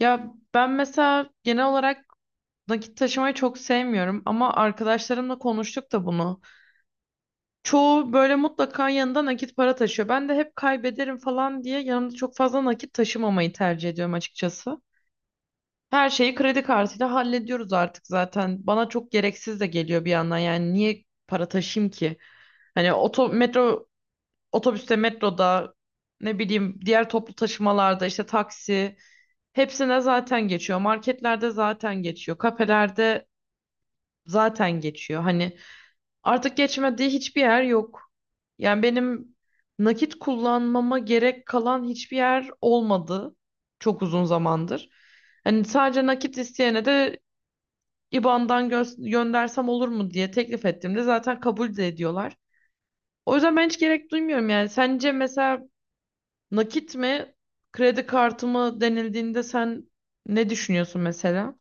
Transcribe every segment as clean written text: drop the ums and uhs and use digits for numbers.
Ya ben mesela genel olarak nakit taşımayı çok sevmiyorum ama arkadaşlarımla konuştuk da bunu. Çoğu böyle mutlaka yanında nakit para taşıyor. Ben de hep kaybederim falan diye yanımda çok fazla nakit taşımamayı tercih ediyorum açıkçası. Her şeyi kredi kartıyla hallediyoruz artık zaten. Bana çok gereksiz de geliyor bir yandan. Yani niye para taşıyayım ki? Hani metro, otobüste, metroda ne bileyim diğer toplu taşımalarda işte taksi. Hepsine zaten geçiyor. Marketlerde zaten geçiyor. Kafelerde zaten geçiyor. Hani artık geçmediği hiçbir yer yok. Yani benim nakit kullanmama gerek kalan hiçbir yer olmadı çok uzun zamandır. Hani sadece nakit isteyene de IBAN'dan göndersem olur mu diye teklif ettiğimde zaten kabul de ediyorlar. O yüzden ben hiç gerek duymuyorum yani. Sence mesela nakit mi, kredi kartı mı denildiğinde sen ne düşünüyorsun mesela?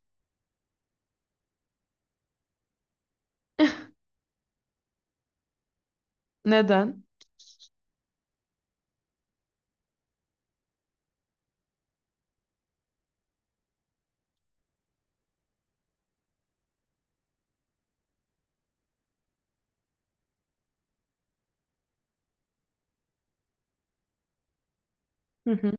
Neden? Hı hı.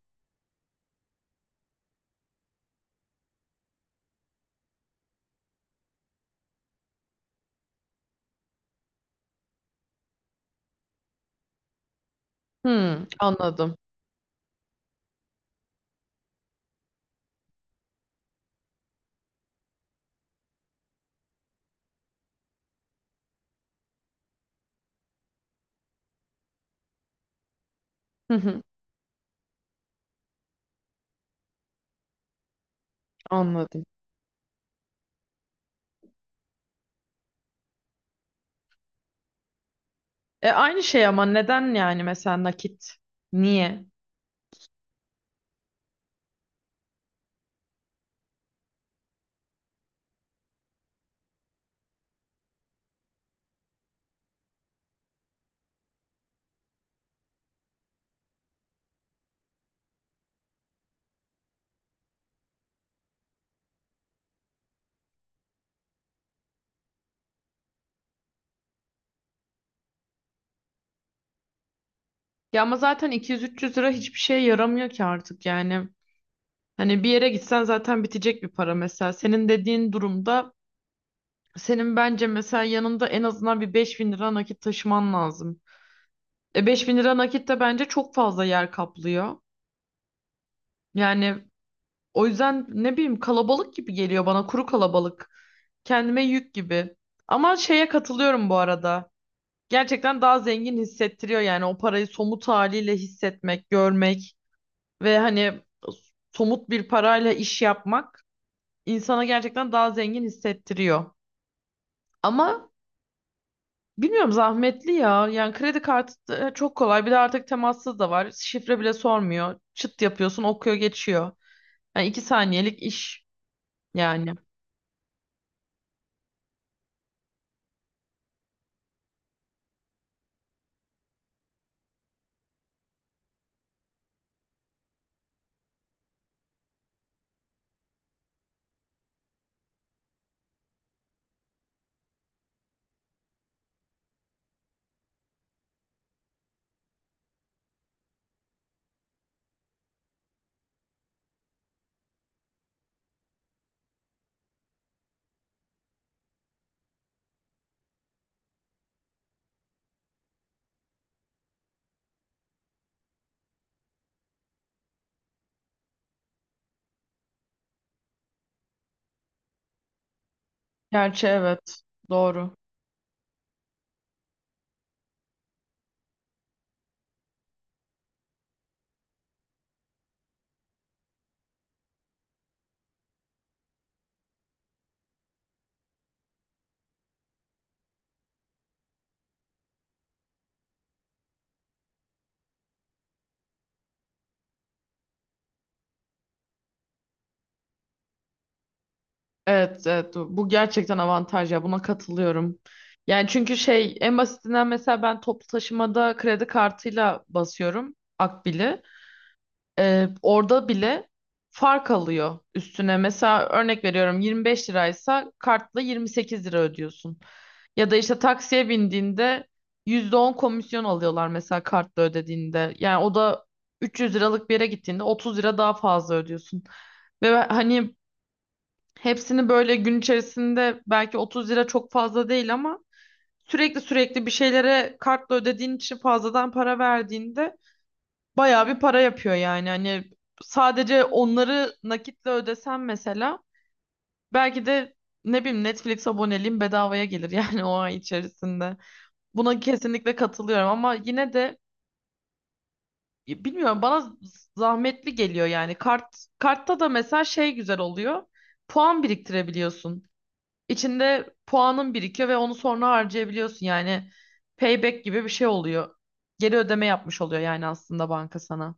Hı, anladım. Hı hı, anladım. E aynı şey ama neden yani mesela nakit? Niye? Ya ama zaten 200-300 lira hiçbir şeye yaramıyor ki artık yani. Hani bir yere gitsen zaten bitecek bir para mesela. Senin dediğin durumda senin bence mesela yanında en azından bir 5.000 lira nakit taşıman lazım. E 5.000 lira nakit de bence çok fazla yer kaplıyor. Yani o yüzden ne bileyim kalabalık gibi geliyor bana, kuru kalabalık. Kendime yük gibi. Ama şeye katılıyorum bu arada, gerçekten daha zengin hissettiriyor yani o parayı somut haliyle hissetmek, görmek ve hani somut bir parayla iş yapmak insana gerçekten daha zengin hissettiriyor. Ama bilmiyorum, zahmetli ya. Yani kredi kartı da çok kolay. Bir de artık temassız da var. Şifre bile sormuyor. Çıt yapıyorsun, okuyor, geçiyor. Yani iki saniyelik iş yani. Gerçi evet. Doğru. Evet, evet, bu gerçekten avantaj ya, buna katılıyorum. Yani çünkü şey, en basitinden mesela ben toplu taşımada kredi kartıyla basıyorum Akbil'i. Orada bile fark alıyor üstüne. Mesela örnek veriyorum, 25 liraysa kartla 28 lira ödüyorsun. Ya da işte taksiye bindiğinde %10 komisyon alıyorlar mesela kartla ödediğinde. Yani o da 300 liralık bir yere gittiğinde 30 lira daha fazla ödüyorsun. Ve hani hepsini böyle gün içerisinde, belki 30 lira çok fazla değil ama sürekli sürekli bir şeylere kartla ödediğin için fazladan para verdiğinde bayağı bir para yapıyor yani. Hani sadece onları nakitle ödesen mesela, belki de ne bileyim Netflix aboneliğim bedavaya gelir yani o ay içerisinde. Buna kesinlikle katılıyorum ama yine de bilmiyorum, bana zahmetli geliyor yani. Kartta da mesela şey güzel oluyor. Puan biriktirebiliyorsun. İçinde puanın birikiyor ve onu sonra harcayabiliyorsun. Yani payback gibi bir şey oluyor. Geri ödeme yapmış oluyor yani aslında banka sana.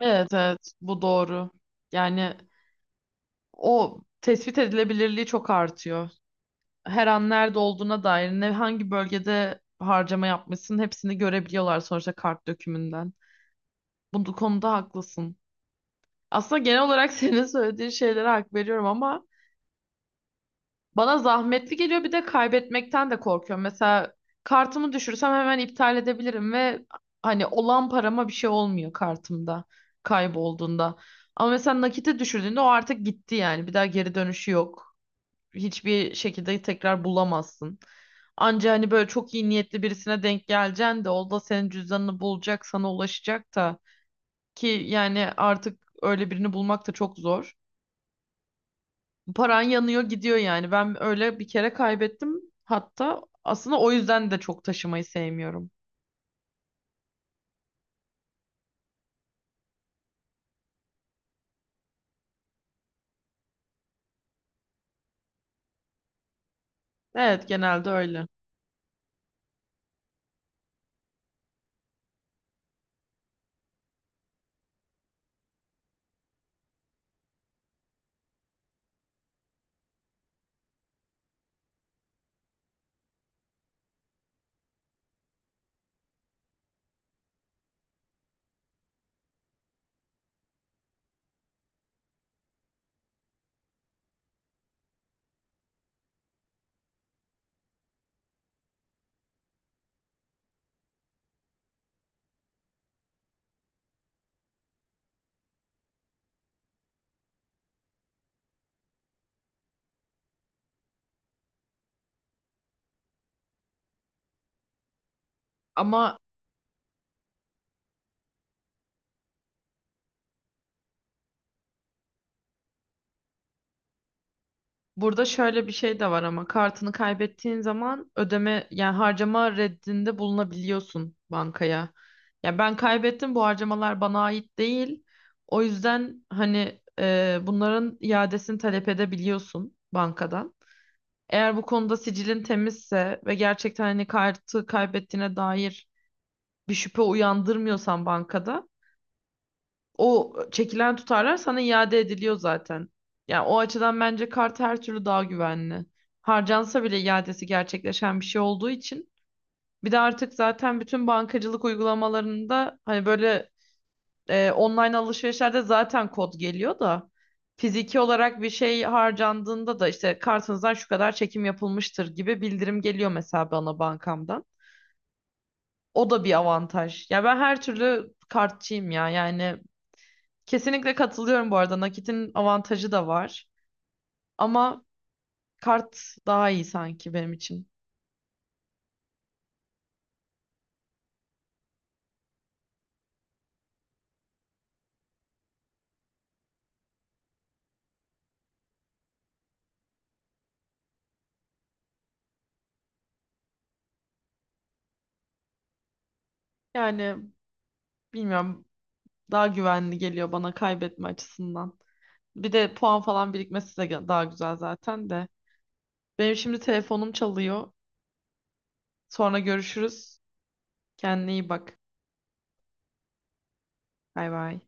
Evet, evet bu doğru. Yani o tespit edilebilirliği çok artıyor. Her an nerede olduğuna dair, ne hangi bölgede harcama yapmışsın, hepsini görebiliyorlar sonuçta kart dökümünden. Bu konuda haklısın. Aslında genel olarak senin söylediğin şeylere hak veriyorum ama bana zahmetli geliyor, bir de kaybetmekten de korkuyorum. Mesela kartımı düşürsem hemen iptal edebilirim ve hani olan parama bir şey olmuyor kartımda kaybolduğunda. Ama mesela nakite düşürdüğünde o artık gitti yani. Bir daha geri dönüşü yok. Hiçbir şekilde tekrar bulamazsın. Anca hani böyle çok iyi niyetli birisine denk geleceksin de, o da senin cüzdanını bulacak, sana ulaşacak da, ki yani artık öyle birini bulmak da çok zor. Paran yanıyor gidiyor yani. Ben öyle bir kere kaybettim. Hatta aslında o yüzden de çok taşımayı sevmiyorum. Evet, genelde öyle. Ama burada şöyle bir şey de var, ama kartını kaybettiğin zaman ödeme yani harcama reddinde bulunabiliyorsun bankaya. Ya ben kaybettim, bu harcamalar bana ait değil. O yüzden hani bunların iadesini talep edebiliyorsun bankadan. Eğer bu konuda sicilin temizse ve gerçekten hani kartı kaybettiğine dair bir şüphe uyandırmıyorsan bankada, o çekilen tutarlar sana iade ediliyor zaten. Yani o açıdan bence kart her türlü daha güvenli. Harcansa bile iadesi gerçekleşen bir şey olduğu için. Bir de artık zaten bütün bankacılık uygulamalarında hani böyle online alışverişlerde zaten kod geliyor da, fiziki olarak bir şey harcandığında da işte kartınızdan şu kadar çekim yapılmıştır gibi bildirim geliyor mesela bana bankamdan. O da bir avantaj. Ya ben her türlü kartçıyım ya. Yani kesinlikle katılıyorum bu arada, nakitin avantajı da var. Ama kart daha iyi sanki benim için. Yani bilmiyorum, daha güvenli geliyor bana kaybetme açısından. Bir de puan falan birikmesi de daha güzel zaten de. Benim şimdi telefonum çalıyor. Sonra görüşürüz. Kendine iyi bak. Bay bay.